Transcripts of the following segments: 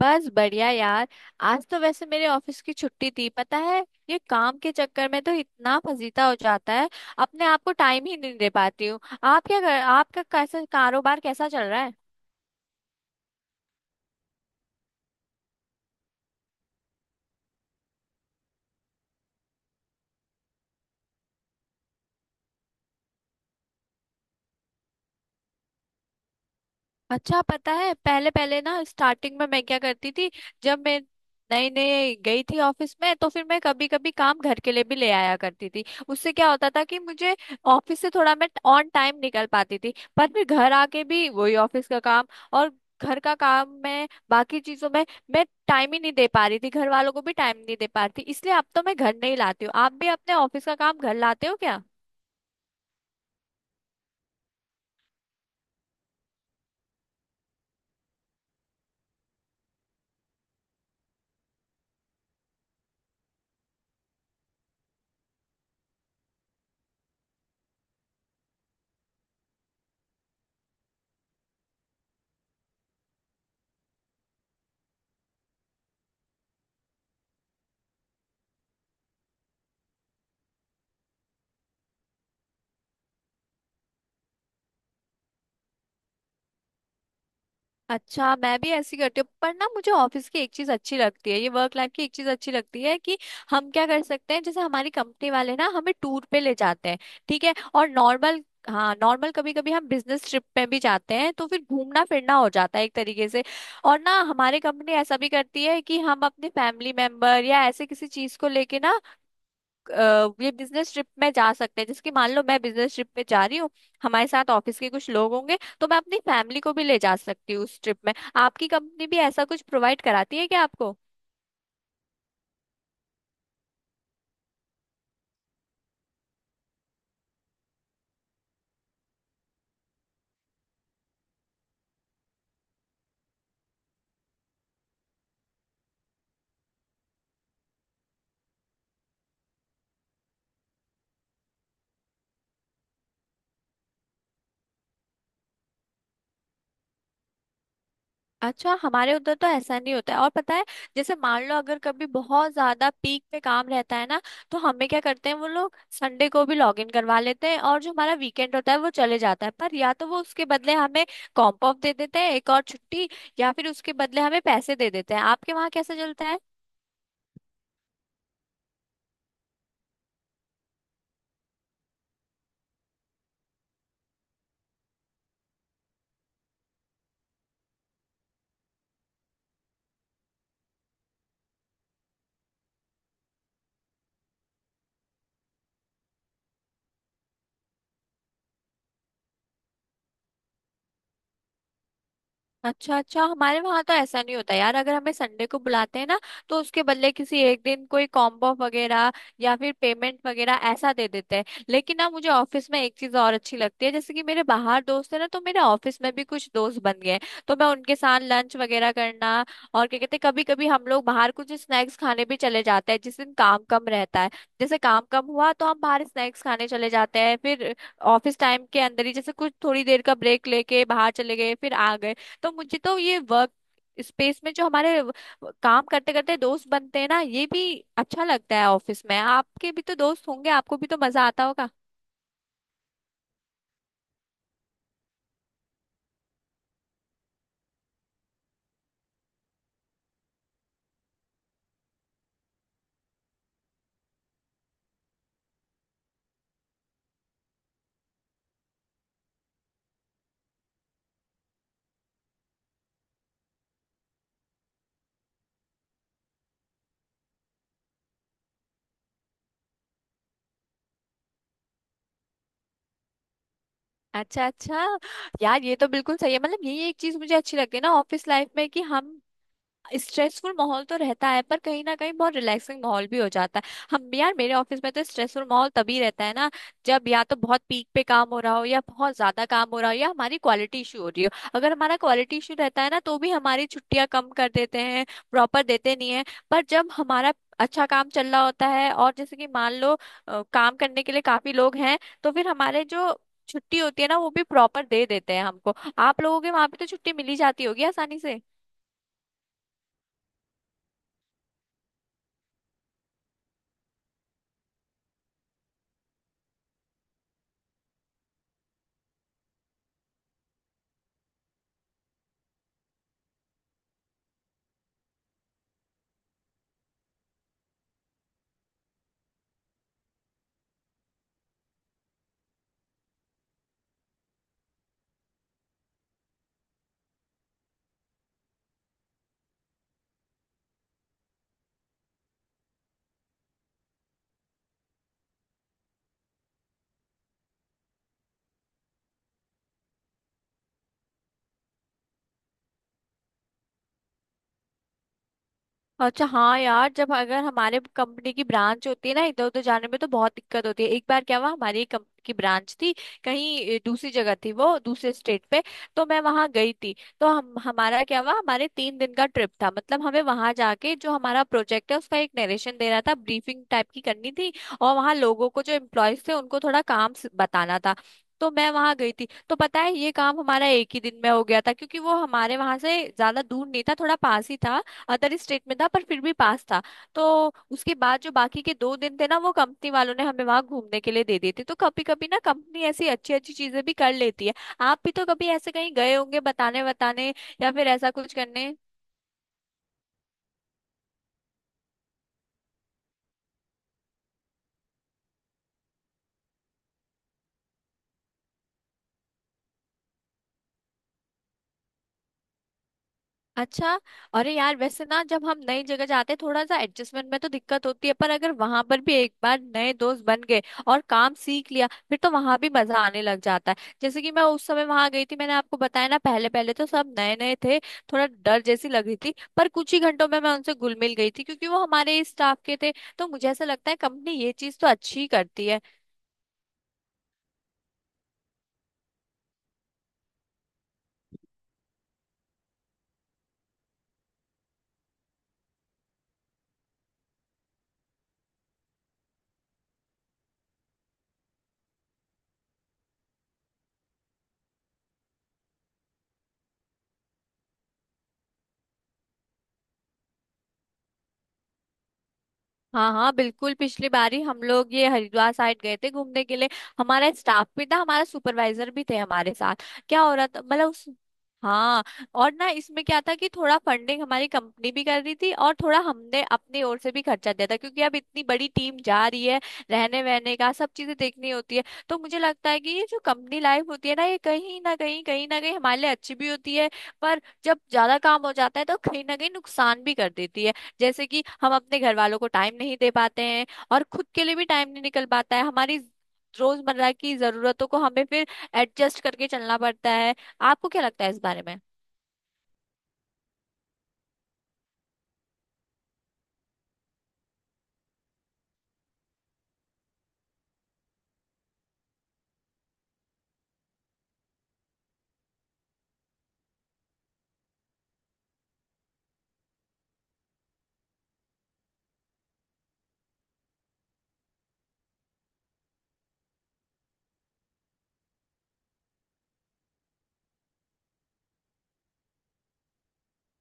बस बढ़िया यार। आज तो वैसे मेरे ऑफिस की छुट्टी थी, पता है। ये काम के चक्कर में तो इतना फजीता हो जाता है, अपने आप को टाइम ही नहीं दे पाती हूँ। आप क्या कर, आपका कैसा कारोबार कैसा चल रहा है? अच्छा, पता है पहले पहले ना स्टार्टिंग में मैं क्या करती थी, जब मैं नई नई गई थी ऑफिस में, तो फिर मैं कभी कभी काम घर के लिए भी ले आया करती थी। उससे क्या होता था कि मुझे ऑफिस से थोड़ा मैं ऑन टाइम निकल पाती थी, पर फिर घर आके भी वही ऑफिस का काम और घर का काम में बाकी चीजों में मैं टाइम ही नहीं दे पा रही थी, घर वालों को भी टाइम नहीं दे पा रही थी, इसलिए अब तो मैं घर नहीं लाती हूँ। आप भी अपने ऑफिस का काम घर लाते हो क्या? अच्छा, मैं भी ऐसी करती हूँ, पर ना मुझे ऑफिस की एक चीज अच्छी लगती है, ये वर्क लाइफ की एक चीज अच्छी लगती है कि हम क्या कर सकते हैं, जैसे हमारी कंपनी वाले ना हमें टूर पे ले जाते हैं। ठीक है, और नॉर्मल, हाँ नॉर्मल कभी कभी हम बिजनेस ट्रिप पे भी जाते हैं तो फिर घूमना फिरना हो जाता है एक तरीके से। और ना हमारी कंपनी ऐसा भी करती है कि हम अपने फैमिली मेंबर या ऐसे किसी चीज को लेके ना ये बिजनेस ट्रिप में जा सकते हैं। जैसे कि मान लो मैं बिजनेस ट्रिप पे जा रही हूँ, हमारे साथ ऑफिस के कुछ लोग होंगे, तो मैं अपनी फैमिली को भी ले जा सकती हूँ उस ट्रिप में। आपकी कंपनी भी ऐसा कुछ प्रोवाइड कराती है क्या आपको? अच्छा, हमारे उधर तो ऐसा नहीं होता है। और पता है, जैसे मान लो अगर कभी बहुत ज्यादा पीक पे काम रहता है ना, तो हमें क्या करते हैं वो लोग संडे को भी लॉग इन करवा लेते हैं और जो हमारा वीकेंड होता है वो चले जाता है, पर या तो वो उसके बदले हमें कॉम्प ऑफ दे देते हैं, एक और छुट्टी, या फिर उसके बदले हमें पैसे दे देते हैं। आपके वहां कैसे चलता है? अच्छा अच्छा, हमारे वहां तो ऐसा नहीं होता यार, अगर हमें संडे को बुलाते हैं ना तो उसके बदले किसी एक दिन कोई कॉम्बो वगैरह या फिर पेमेंट वगैरह ऐसा दे देते हैं। लेकिन ना मुझे ऑफिस में एक चीज और अच्छी लगती है, जैसे कि मेरे बाहर दोस्त है ना तो मेरे ऑफिस में भी कुछ दोस्त बन गए हैं। तो मैं उनके साथ लंच वगैरह करना, और क्या कहते हैं, कभी कभी हम लोग बाहर कुछ स्नैक्स खाने भी चले जाते हैं जिस दिन काम कम रहता है। जैसे काम कम हुआ तो हम बाहर स्नैक्स खाने चले जाते हैं, फिर ऑफिस टाइम के अंदर ही जैसे कुछ थोड़ी देर का ब्रेक लेके बाहर चले गए फिर आ गए। तो मुझे तो ये वर्क स्पेस में जो हमारे काम करते करते दोस्त बनते हैं ना, ये भी अच्छा लगता है। ऑफिस में आपके भी तो दोस्त होंगे, आपको भी तो मजा आता होगा। अच्छा अच्छा, यार ये तो बिल्कुल सही है, मतलब यही एक चीज मुझे अच्छी लगती है ना ऑफिस लाइफ में कि हम स्ट्रेसफुल माहौल तो रहता है पर कहीं ना कहीं बहुत रिलैक्सिंग माहौल भी हो जाता है। हम यार मेरे ऑफिस में तो स्ट्रेसफुल माहौल तभी रहता है ना जब या तो बहुत पीक पे काम हो रहा हो या बहुत ज्यादा काम हो रहा हो या हमारी क्वालिटी इशू हो रही हो। अगर हमारा क्वालिटी इशू रहता है ना तो भी हमारी छुट्टियां कम कर देते हैं, प्रॉपर देते नहीं है। पर जब हमारा अच्छा काम चल रहा होता है और जैसे कि मान लो काम करने के लिए काफी लोग हैं, तो फिर हमारे जो छुट्टी होती है ना वो भी प्रॉपर दे देते हैं हमको। आप लोगों के वहां पे तो छुट्टी मिली जाती होगी आसानी से? अच्छा, हाँ यार जब अगर हमारे कंपनी की ब्रांच होती है ना इधर उधर जाने में तो बहुत दिक्कत होती है। एक बार क्या हुआ, हमारी एक कंपनी की ब्रांच थी कहीं दूसरी जगह थी, वो दूसरे स्टेट पे। तो मैं वहां गई थी। तो हम, हमारा क्या हुआ, हमारे तीन दिन का ट्रिप था, मतलब हमें वहां जाके जो हमारा प्रोजेक्ट है उसका एक नरेशन देना था, ब्रीफिंग टाइप की करनी थी। और वहां लोगों को जो एम्प्लॉयज थे उनको थोड़ा काम बताना था। तो मैं वहां गई थी तो पता है ये काम हमारा एक ही दिन में हो गया था, क्योंकि वो हमारे वहां से ज्यादा दूर नहीं था, थोड़ा पास ही था। अदर स्टेट में था पर फिर भी पास था। तो उसके बाद जो बाकी के दो दिन थे ना वो कंपनी वालों ने हमें वहां घूमने के लिए दे दिए थे। तो कभी कभी ना कंपनी ऐसी अच्छी अच्छी चीजें भी कर लेती है। आप भी तो कभी ऐसे कहीं गए होंगे बताने बताने या फिर ऐसा कुछ करने? अच्छा, अरे यार वैसे ना जब हम नई जगह जाते हैं थोड़ा सा एडजस्टमेंट में तो दिक्कत होती है, पर अगर वहां पर भी एक बार नए दोस्त बन गए और काम सीख लिया फिर तो वहां भी मजा आने लग जाता है। जैसे कि मैं उस समय वहां गई थी, मैंने आपको बताया ना, पहले पहले तो सब नए नए थे, थोड़ा डर जैसी लग रही थी, पर कुछ ही घंटों में मैं उनसे घुल मिल गई थी क्योंकि वो हमारे ही स्टाफ के थे। तो मुझे ऐसा लगता है कंपनी ये चीज तो अच्छी ही करती है। हाँ हाँ बिल्कुल, पिछली बारी हम लोग ये हरिद्वार साइड गए थे घूमने के लिए। हमारा स्टाफ भी था, हमारा सुपरवाइजर भी थे हमारे साथ। क्या हो रहा था मतलब उस, हाँ, और ना इसमें क्या था कि थोड़ा फंडिंग हमारी कंपनी भी कर रही थी और थोड़ा हमने अपनी ओर से भी खर्चा दिया था, क्योंकि अब इतनी बड़ी टीम जा रही है, रहने वहने का सब चीजें देखनी होती है। तो मुझे लगता है कि ये जो कंपनी लाइफ होती है ना ये कहीं ना कहीं हमारे लिए अच्छी भी होती है, पर जब ज्यादा काम हो जाता है तो कहीं ना कहीं नुकसान भी कर देती है। जैसे कि हम अपने घर वालों को टाइम नहीं दे पाते हैं और खुद के लिए भी टाइम नहीं निकल पाता है, हमारी रोजमर्रा की जरूरतों को हमें फिर एडजस्ट करके चलना पड़ता है। आपको क्या लगता है इस बारे में?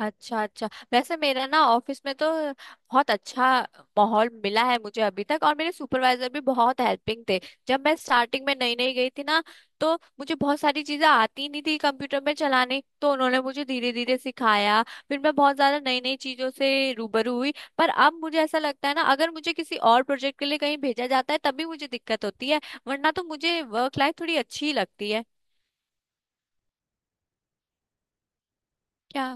अच्छा अच्छा, वैसे मेरा ना ऑफिस में तो बहुत अच्छा माहौल मिला है मुझे अभी तक, और मेरे सुपरवाइजर भी बहुत हेल्पिंग थे। जब मैं स्टार्टिंग में नई नई गई थी ना तो मुझे बहुत सारी चीजें आती नहीं थी कंप्यूटर में चलाने, तो उन्होंने मुझे धीरे धीरे सिखाया, फिर मैं बहुत ज्यादा नई नई चीजों से रूबरू हुई। पर अब मुझे ऐसा लगता है ना अगर मुझे किसी और प्रोजेक्ट के लिए कहीं भेजा जाता है तभी मुझे दिक्कत होती है, वरना तो मुझे वर्क लाइफ थोड़ी अच्छी लगती है। क्या?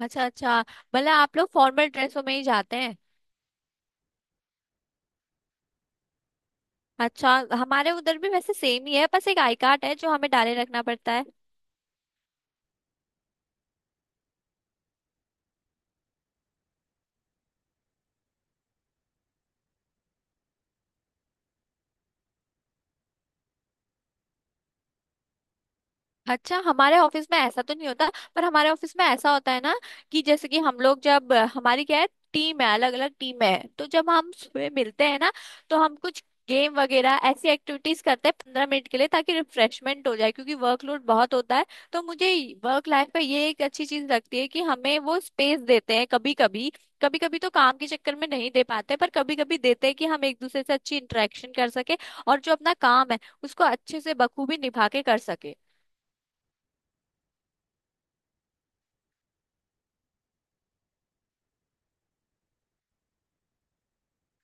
अच्छा अच्छा, भला आप लोग फॉर्मल ड्रेसों में ही जाते हैं? अच्छा, हमारे उधर भी वैसे सेम ही है, बस एक आई कार्ड है जो हमें डाले रखना पड़ता है। अच्छा, हमारे ऑफिस में ऐसा तो नहीं होता, पर हमारे ऑफिस में ऐसा होता है ना कि जैसे कि हम लोग जब, हमारी क्या है, टीम है, अलग अलग टीम है, तो जब हम सुबह मिलते हैं ना तो हम कुछ गेम वगैरह ऐसी एक्टिविटीज करते हैं 15 मिनट के लिए ताकि रिफ्रेशमेंट हो जाए, क्योंकि वर्कलोड बहुत होता है। तो मुझे वर्क लाइफ में ये एक अच्छी चीज लगती है कि हमें वो स्पेस देते हैं कभी कभी। कभी कभी तो काम के चक्कर में नहीं दे पाते, पर कभी कभी देते हैं कि हम एक दूसरे से अच्छी इंटरेक्शन कर सके और जो अपना काम है उसको अच्छे से बखूबी निभा के कर सके।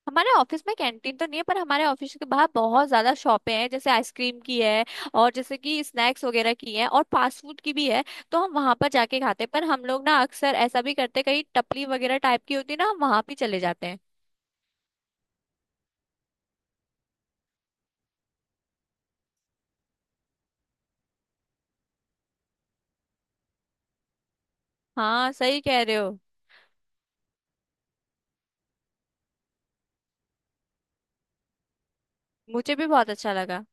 हमारे ऑफिस में कैंटीन तो नहीं है, पर हमारे ऑफिस के बाहर बहुत ज्यादा शॉपें हैं, जैसे आइसक्रीम की है और जैसे कि स्नैक्स वगैरह की है और फास्ट फूड की भी है, तो हम वहां पर जाके खाते हैं। पर हम लोग ना अक्सर ऐसा भी करते हैं, कहीं टपली वगैरह टाइप की होती है ना, हम वहां भी चले जाते हैं। हाँ सही कह रहे हो, मुझे भी बहुत अच्छा लगा।